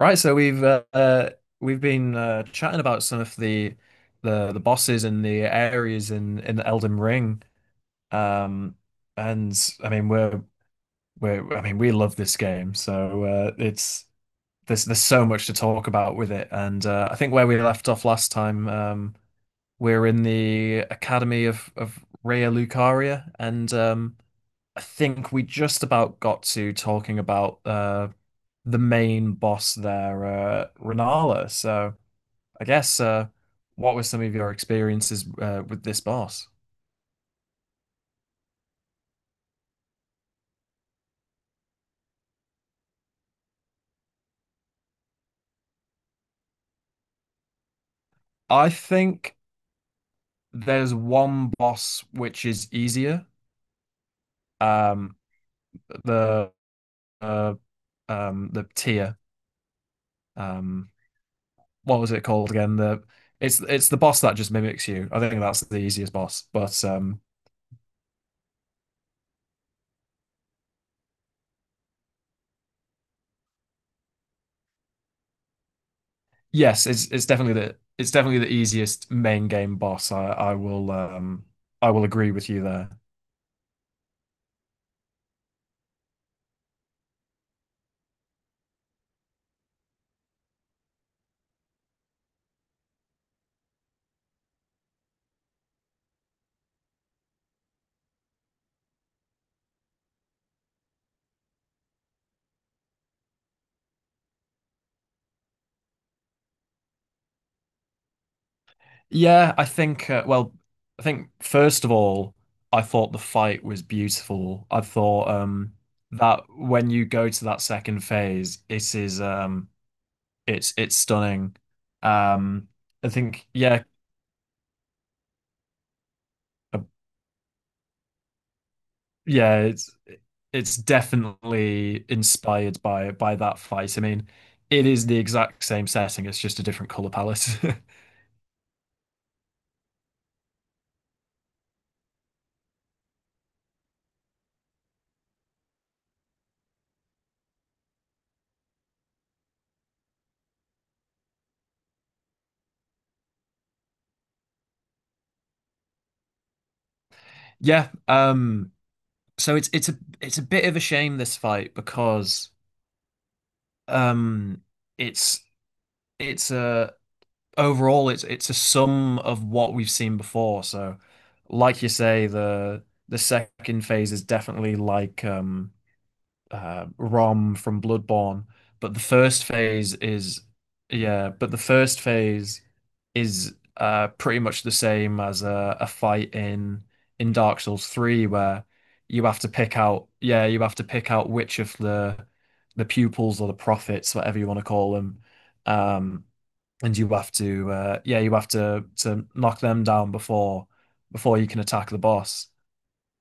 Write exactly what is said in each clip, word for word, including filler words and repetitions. Right, so we've uh, uh, we've been uh, chatting about some of the the the bosses and the areas in in Elden Ring, um, and I mean we're we're I mean we love this game, so uh, it's there's there's so much to talk about with it, and uh, I think where we left off last time, um, we're in the Academy of of Rhea Lucaria, and um, I think we just about got to talking about uh, the main boss there, uh, Rennala. So. I guess uh, what were some of your experiences uh, with this boss? I think there's one boss which is easier. Um, the uh, um, the tier. Um, what was it called again? The it's it's the boss that just mimics you. I think that's the easiest boss. But um, yes, it's it's definitely the it's definitely the easiest main game boss. I I will um I will agree with you there. Yeah, I think, uh, well, I think first of all, I thought the fight was beautiful. I thought um that when you go to that second phase, it is um it's it's stunning. Um I think yeah, uh, yeah, it's it's definitely inspired by by that fight. I mean, it is the exact same setting, it's just a different color palette. Yeah, um so it's it's a it's a bit of a shame this fight because Um, it's it's a overall it's it's a sum of what we've seen before. So, like you say, the the second phase is definitely like um uh, Rom from Bloodborne. But the first phase is, Yeah, but the first phase is uh, pretty much the same as a, a fight in in Dark Souls three where you have to pick out, yeah, you have to pick out which of the the pupils or the prophets, whatever you want to call them, um, and you have to, uh, yeah, you have to to knock them down before before you can attack the boss.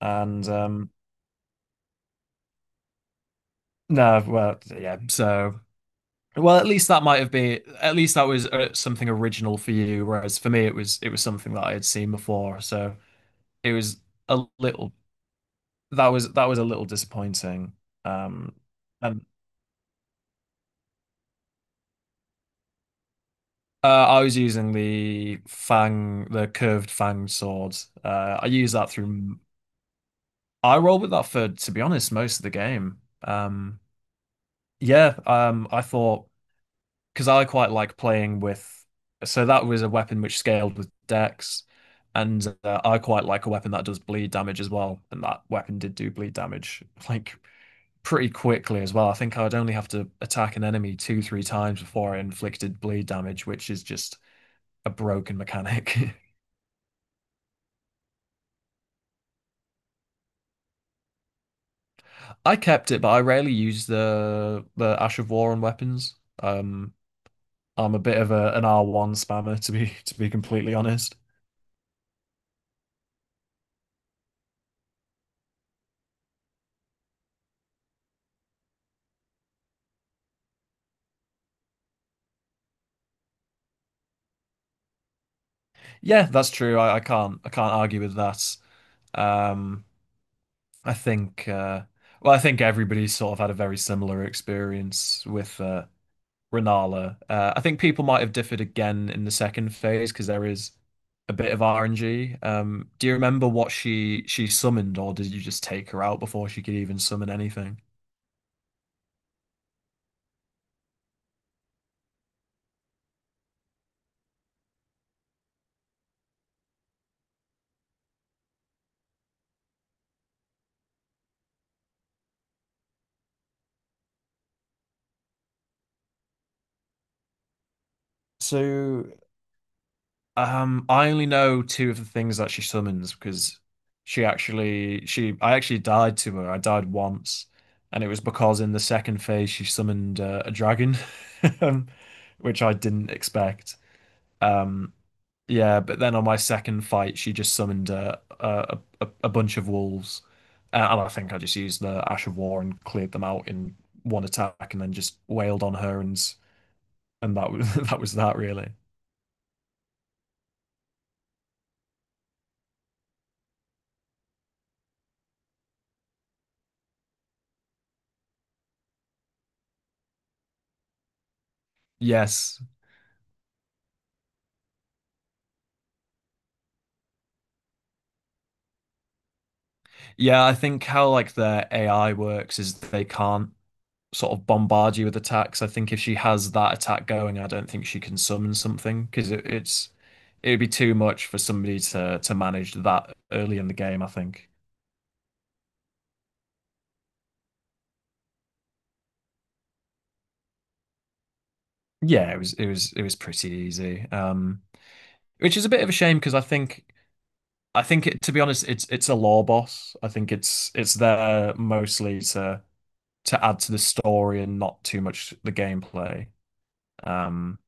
And um, no, well, yeah, so. Well, at least that might have been at least that was uh, something original for you, whereas for me it was it was something that I had seen before, so it was a little that was that was a little disappointing. Um, and uh, I was using the fang, the curved fang sword. Uh, I use that through. I rolled with that for, to be honest, most of the game. Um, yeah, um, I thought because I quite like playing with. So that was a weapon which scaled with dex, and uh, I quite like a weapon that does bleed damage as well. And that weapon did do bleed damage like pretty quickly as well. I think I'd only have to attack an enemy two, three times before I inflicted bleed damage, which is just a broken mechanic. I kept it, but I rarely use the the Ash of War on weapons. Um, I'm a bit of a, an R one spammer to be to be completely honest. Yeah, that's true. I, I can't I can't argue with that. Um, I think uh, well, I think everybody's sort of had a very similar experience with uh, Rennala. Uh, I think people might have differed again in the second phase because there is a bit of R N G. Um, do you remember what she she summoned, or did you just take her out before she could even summon anything? So Um, I only know two of the things that she summons because she actually she I actually died to her. I died once, and it was because in the second phase she summoned uh, a dragon, um, which I didn't expect. Um, yeah, but then on my second fight she just summoned uh, a a a bunch of wolves, uh, and I think I just used the Ash of War and cleared them out in one attack, and then just wailed on her and and that was that was that really. Yes. Yeah, I think how like their A I works is they can't sort of bombard you with attacks. I think if she has that attack going, I don't think she can summon something because it, it's it would be too much for somebody to to manage that early in the game, I think. Yeah, it was it was it was pretty easy. Um, which is a bit of a shame because I think I think it, to be honest, it's it's a lore boss. I think it's it's there mostly to to add to the story and not too much the gameplay. Um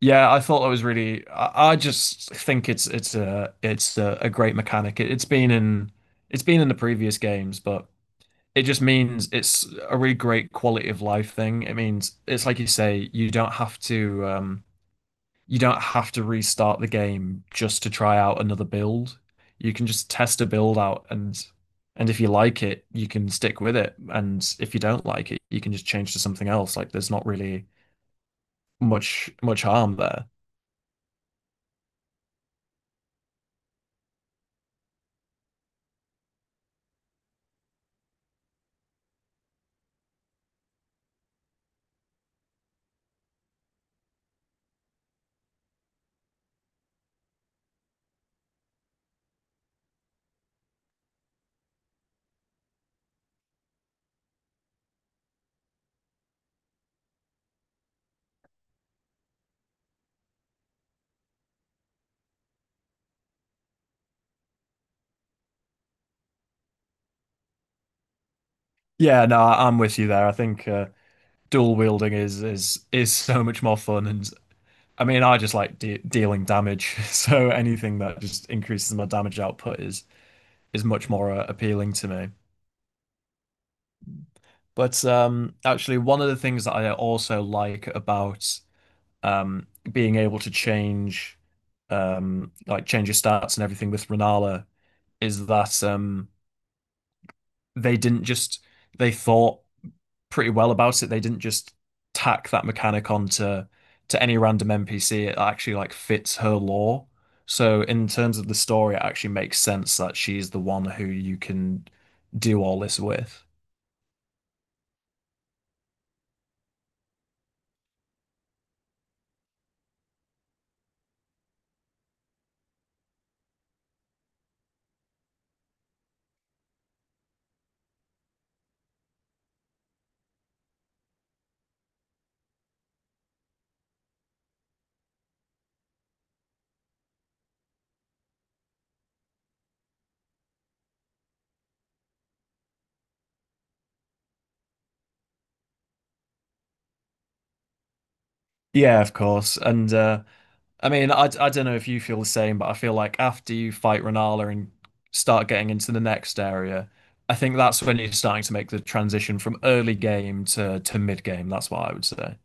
Yeah, I thought that was really. I, I just think it's it's a it's a, a great mechanic. It, it's been in it's been in the previous games, but it just means it's a really great quality of life thing. It means it's like you say, you don't have to um, you don't have to restart the game just to try out another build. You can just test a build out, and and if you like it, you can stick with it, and if you don't like it, you can just change to something else. Like there's not really much much harm there. Yeah, no, I- I'm with you there. I think uh, dual wielding is is is so much more fun, and I mean, I just like de dealing damage, so anything that just increases my damage output is is much more uh, appealing to me. But um, actually, one of the things that I also like about um, being able to change, um, like change your stats and everything with Renala is that um, they didn't just they thought. Pretty well about it. They didn't just tack that mechanic onto to any random N P C. It actually like fits her lore. So in terms of the story, it actually makes sense that she's the one who you can do all this with. Yeah, of course. And uh, I mean, I I don't know if you feel the same, but I feel like after you fight Renala and start getting into the next area, I think that's when you're starting to make the transition from early game to to mid game. That's what I would say.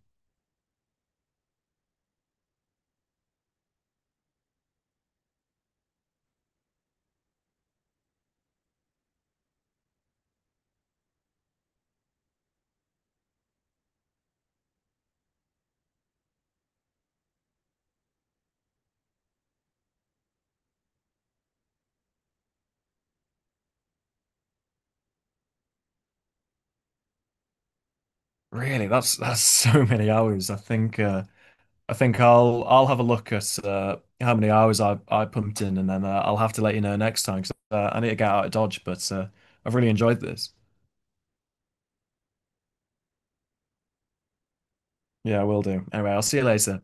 Really, that's that's so many hours. I think uh, I think I'll I'll have a look at uh, how many hours I I pumped in, and then uh, I'll have to let you know next time because uh, I need to get out of Dodge. But uh, I've really enjoyed this. Yeah, I will do. Anyway, I'll see you later.